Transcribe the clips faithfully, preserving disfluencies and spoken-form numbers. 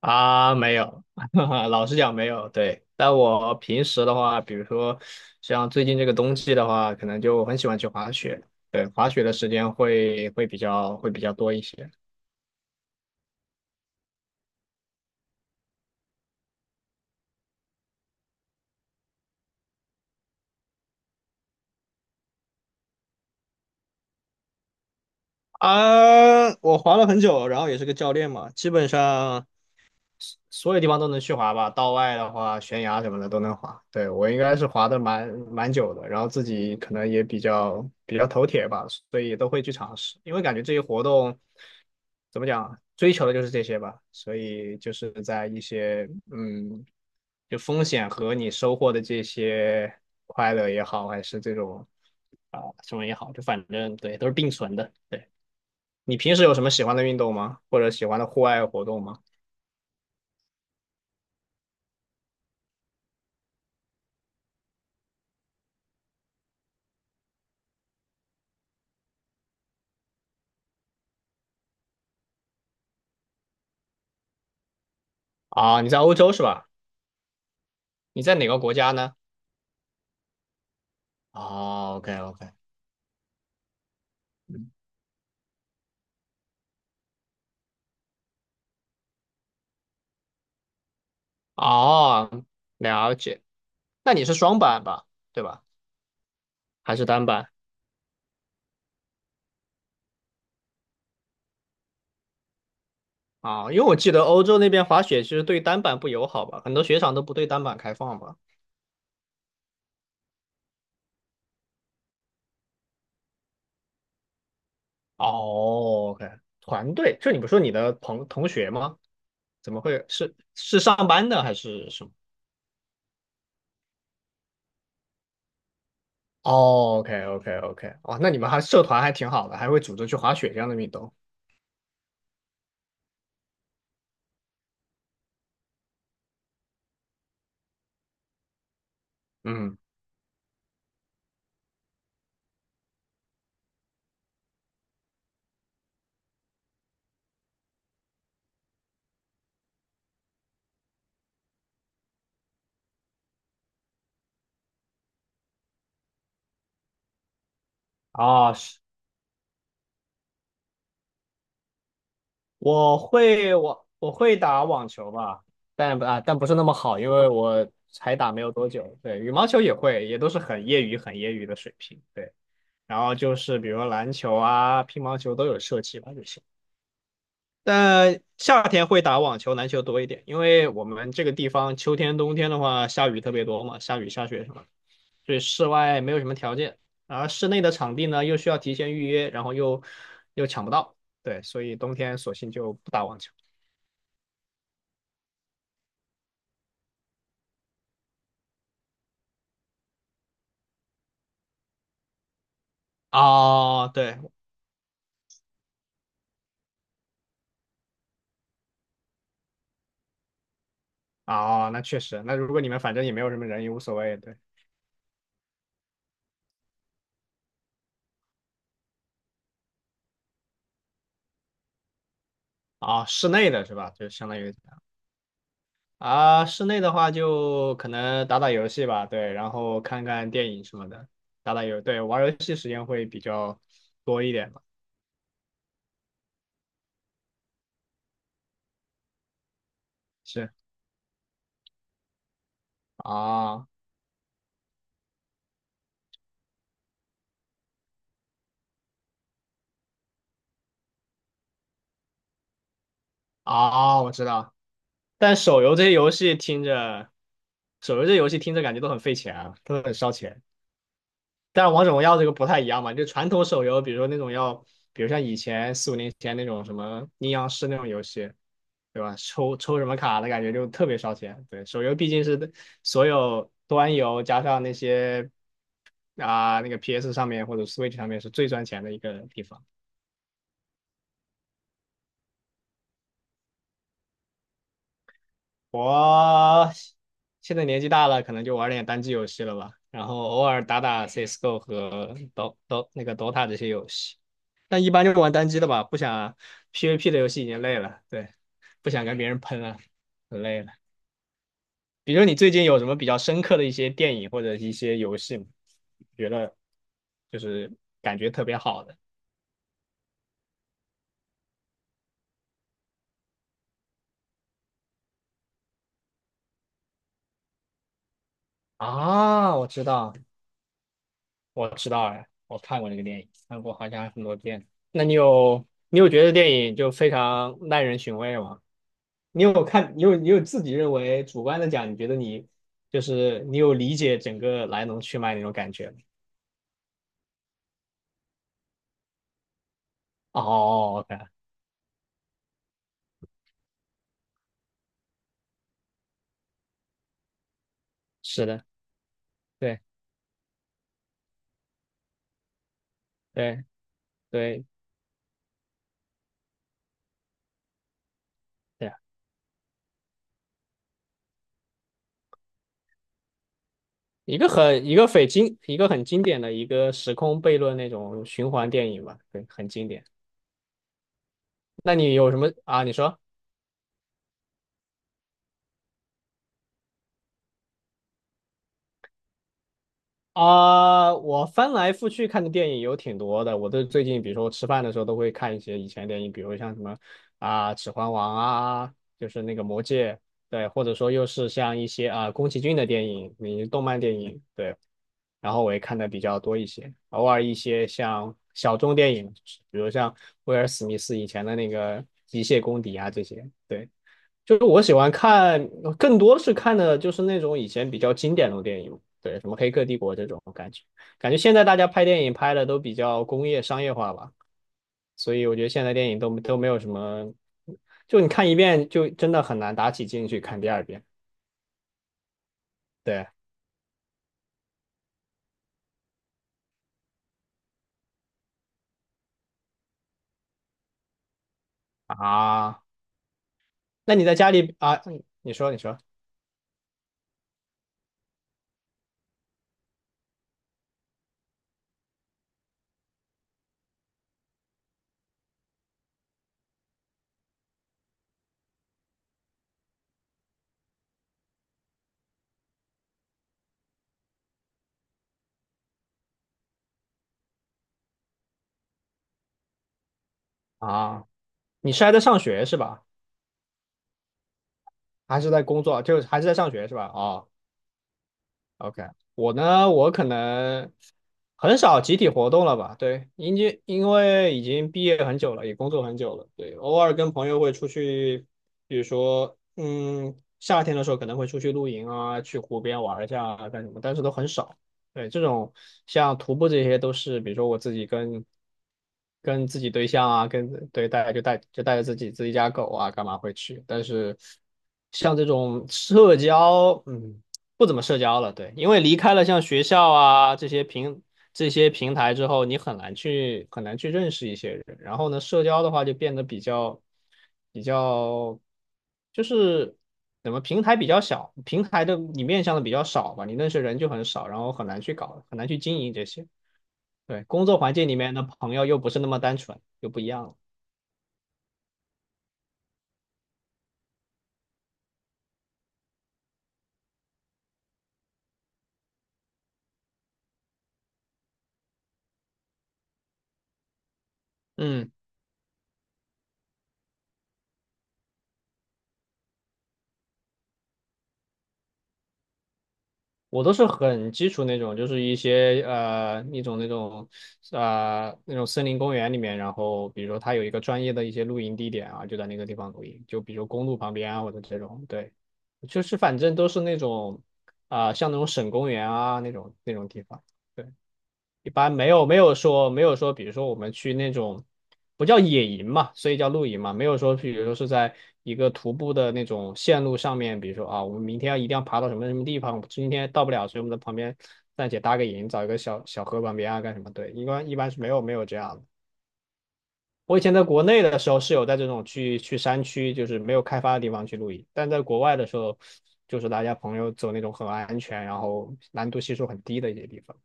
啊，没有，老实讲没有。对，但我平时的话，比如说像最近这个冬季的话，可能就很喜欢去滑雪。对，滑雪的时间会会比较会比较多一些。啊，我滑了很久，然后也是个教练嘛，基本上所有地方都能去滑吧，道外的话，悬崖什么的都能滑。对，我应该是滑的蛮蛮久的，然后自己可能也比较比较头铁吧，所以也都会去尝试。因为感觉这些活动怎么讲啊，追求的就是这些吧，所以就是在一些嗯，就风险和你收获的这些快乐也好，还是这种啊、什么也好，就反正对都是并存的。对，你平时有什么喜欢的运动吗？或者喜欢的户外活动吗？啊，你在欧洲是吧？你在哪个国家呢？哦，OK OK,嗯，哦，了解。那你是双板吧？对吧？还是单板？啊、因为我记得欧洲那边滑雪其实对单板不友好吧，很多雪场都不对单板开放吧。哦，OK,团队，就你不是说你的朋同学吗？怎么会是是上班的还是什么？哦，OK OK OK,哦，那你们还社团还挺好的，还会组织去滑雪这样的运动。嗯，啊是。我会网我会打网球吧，但不啊但不是那么好，因为我才打没有多久。对，羽毛球也会，也都是很业余很业余的水平。对，然后就是比如说篮球啊、乒乓球都有涉及吧就行。但夏天会打网球、篮球多一点，因为我们这个地方秋天、冬天的话下雨特别多嘛，下雨下雪什么的，所以室外没有什么条件，而室内的场地呢又需要提前预约，然后又又抢不到，对，所以冬天索性就不打网球。哦，对，哦，那确实，那如果你们反正也没有什么人，也无所谓，对，啊、室内的是吧？就相当于啊、室内的话就可能打打游戏吧，对，然后看看电影什么的，打打游，对，玩游戏时间会比较多一点吧，是，啊，啊、我知道，但手游这些游戏听着，手游这些游戏听着感觉都很费钱啊，都很烧钱。但是王者荣耀这个不太一样嘛，就传统手游，比如说那种要，比如像以前四五年前那种什么阴阳师那种游戏，对吧？抽抽什么卡的感觉就特别烧钱。对，手游毕竟是所有端游加上那些啊、那个 P S 上面或者 Switch 上面是最赚钱的一个地方。我现在年纪大了，可能就玩点单机游戏了吧，然后偶尔打打 C S:G O 和 Do Do 那个 Dota 这些游戏，但一般就是玩单机的吧，不想 P V P 的游戏已经累了，对，不想跟别人喷了，很累了。比如你最近有什么比较深刻的一些电影或者一些游戏吗，觉得就是感觉特别好的。啊？我知道，我知道哎，我看过那个电影，看过好像很多遍。那你有你有觉得电影就非常耐人寻味吗？你有看你有你有自己认为主观的讲，你觉得你就是你有理解整个来龙去脉那种感觉吗？哦，OK,是的，对对对对啊，一个很一个非经一个很经典的一个时空悖论那种循环电影吧，对，很经典。那你有什么啊？你说。啊、我翻来覆去看的电影有挺多的。我都最近，比如说我吃饭的时候都会看一些以前电影，比如像什么啊、指环王》啊，就是那个《魔戒》，对，或者说又是像一些啊、宫崎骏的电影，你动漫电影，对。然后我也看的比较多一些，偶尔一些像小众电影，比如像威尔·史密斯以前的那个《机械公敌》啊这些，对。就是我喜欢看，更多是看的就是那种以前比较经典的电影，对，什么《黑客帝国》这种感觉。感觉现在大家拍电影拍的都比较工业商业化吧，所以我觉得现在电影都都没有什么，就你看一遍就真的很难打起劲去看第二遍。对啊，那你在家里啊？你说，你说啊，你是还在上学是吧？还是在工作？就是还是在上学是吧？哦，OK,我呢，我可能很少集体活动了吧？对，因为因为已经毕业很久了，也工作很久了。对，偶尔跟朋友会出去，比如说，嗯，夏天的时候可能会出去露营啊，去湖边玩一下啊，干什么，但是都很少。对，这种像徒步这些都是，比如说我自己跟跟自己对象啊，跟对带就带就带着自己自己家狗啊，干嘛会去？但是像这种社交，嗯。不怎么社交了，对，因为离开了像学校啊这些平这些平台之后，你很难去很难去认识一些人。然后呢，社交的话就变得比较比较，就是怎么平台比较小，平台的你面向的比较少吧，你认识人就很少，然后很难去搞，很难去经营这些。对，工作环境里面的朋友又不是那么单纯，又不一样了。嗯。我都是很基础那种，就是一些呃一种那种呃那种森林公园里面，然后比如说它有一个专业的一些露营地点啊，就在那个地方露营，就比如公路旁边啊或者这种，对，就是反正都是那种啊、像那种省公园啊那种那种地方，对，一般没有没有说没有说，比如说我们去那种不叫野营嘛，所以叫露营嘛，没有说比如说是在一个徒步的那种线路上面，比如说啊，我们明天要一定要爬到什么什么地方，我今天到不了，所以我们在旁边暂且搭个营，找一个小小河旁边啊干什么？对，一般一般是没有没有这样的。我以前在国内的时候是有在这种去去山区，就是没有开发的地方去露营，但在国外的时候，就是大家朋友走那种很安全，然后难度系数很低的一些地方。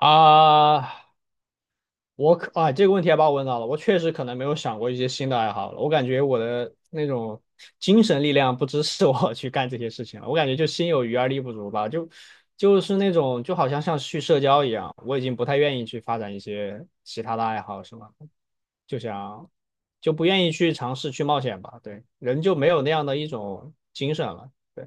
啊，我可啊，这个问题还把我问到了。我确实可能没有想过一些新的爱好了。我感觉我的那种精神力量不支持我 去干这些事情了。我感觉就心有余而力不足吧，就就是那种就好像像去社交一样，我已经不太愿意去发展一些其他的爱好，是吗？就想就不愿意去尝试去冒险吧。对，人就没有那样的一种精神了。对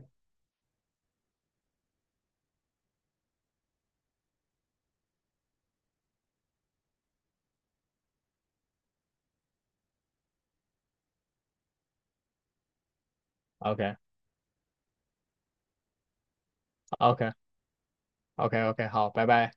，OK OK OK OK,好，拜拜。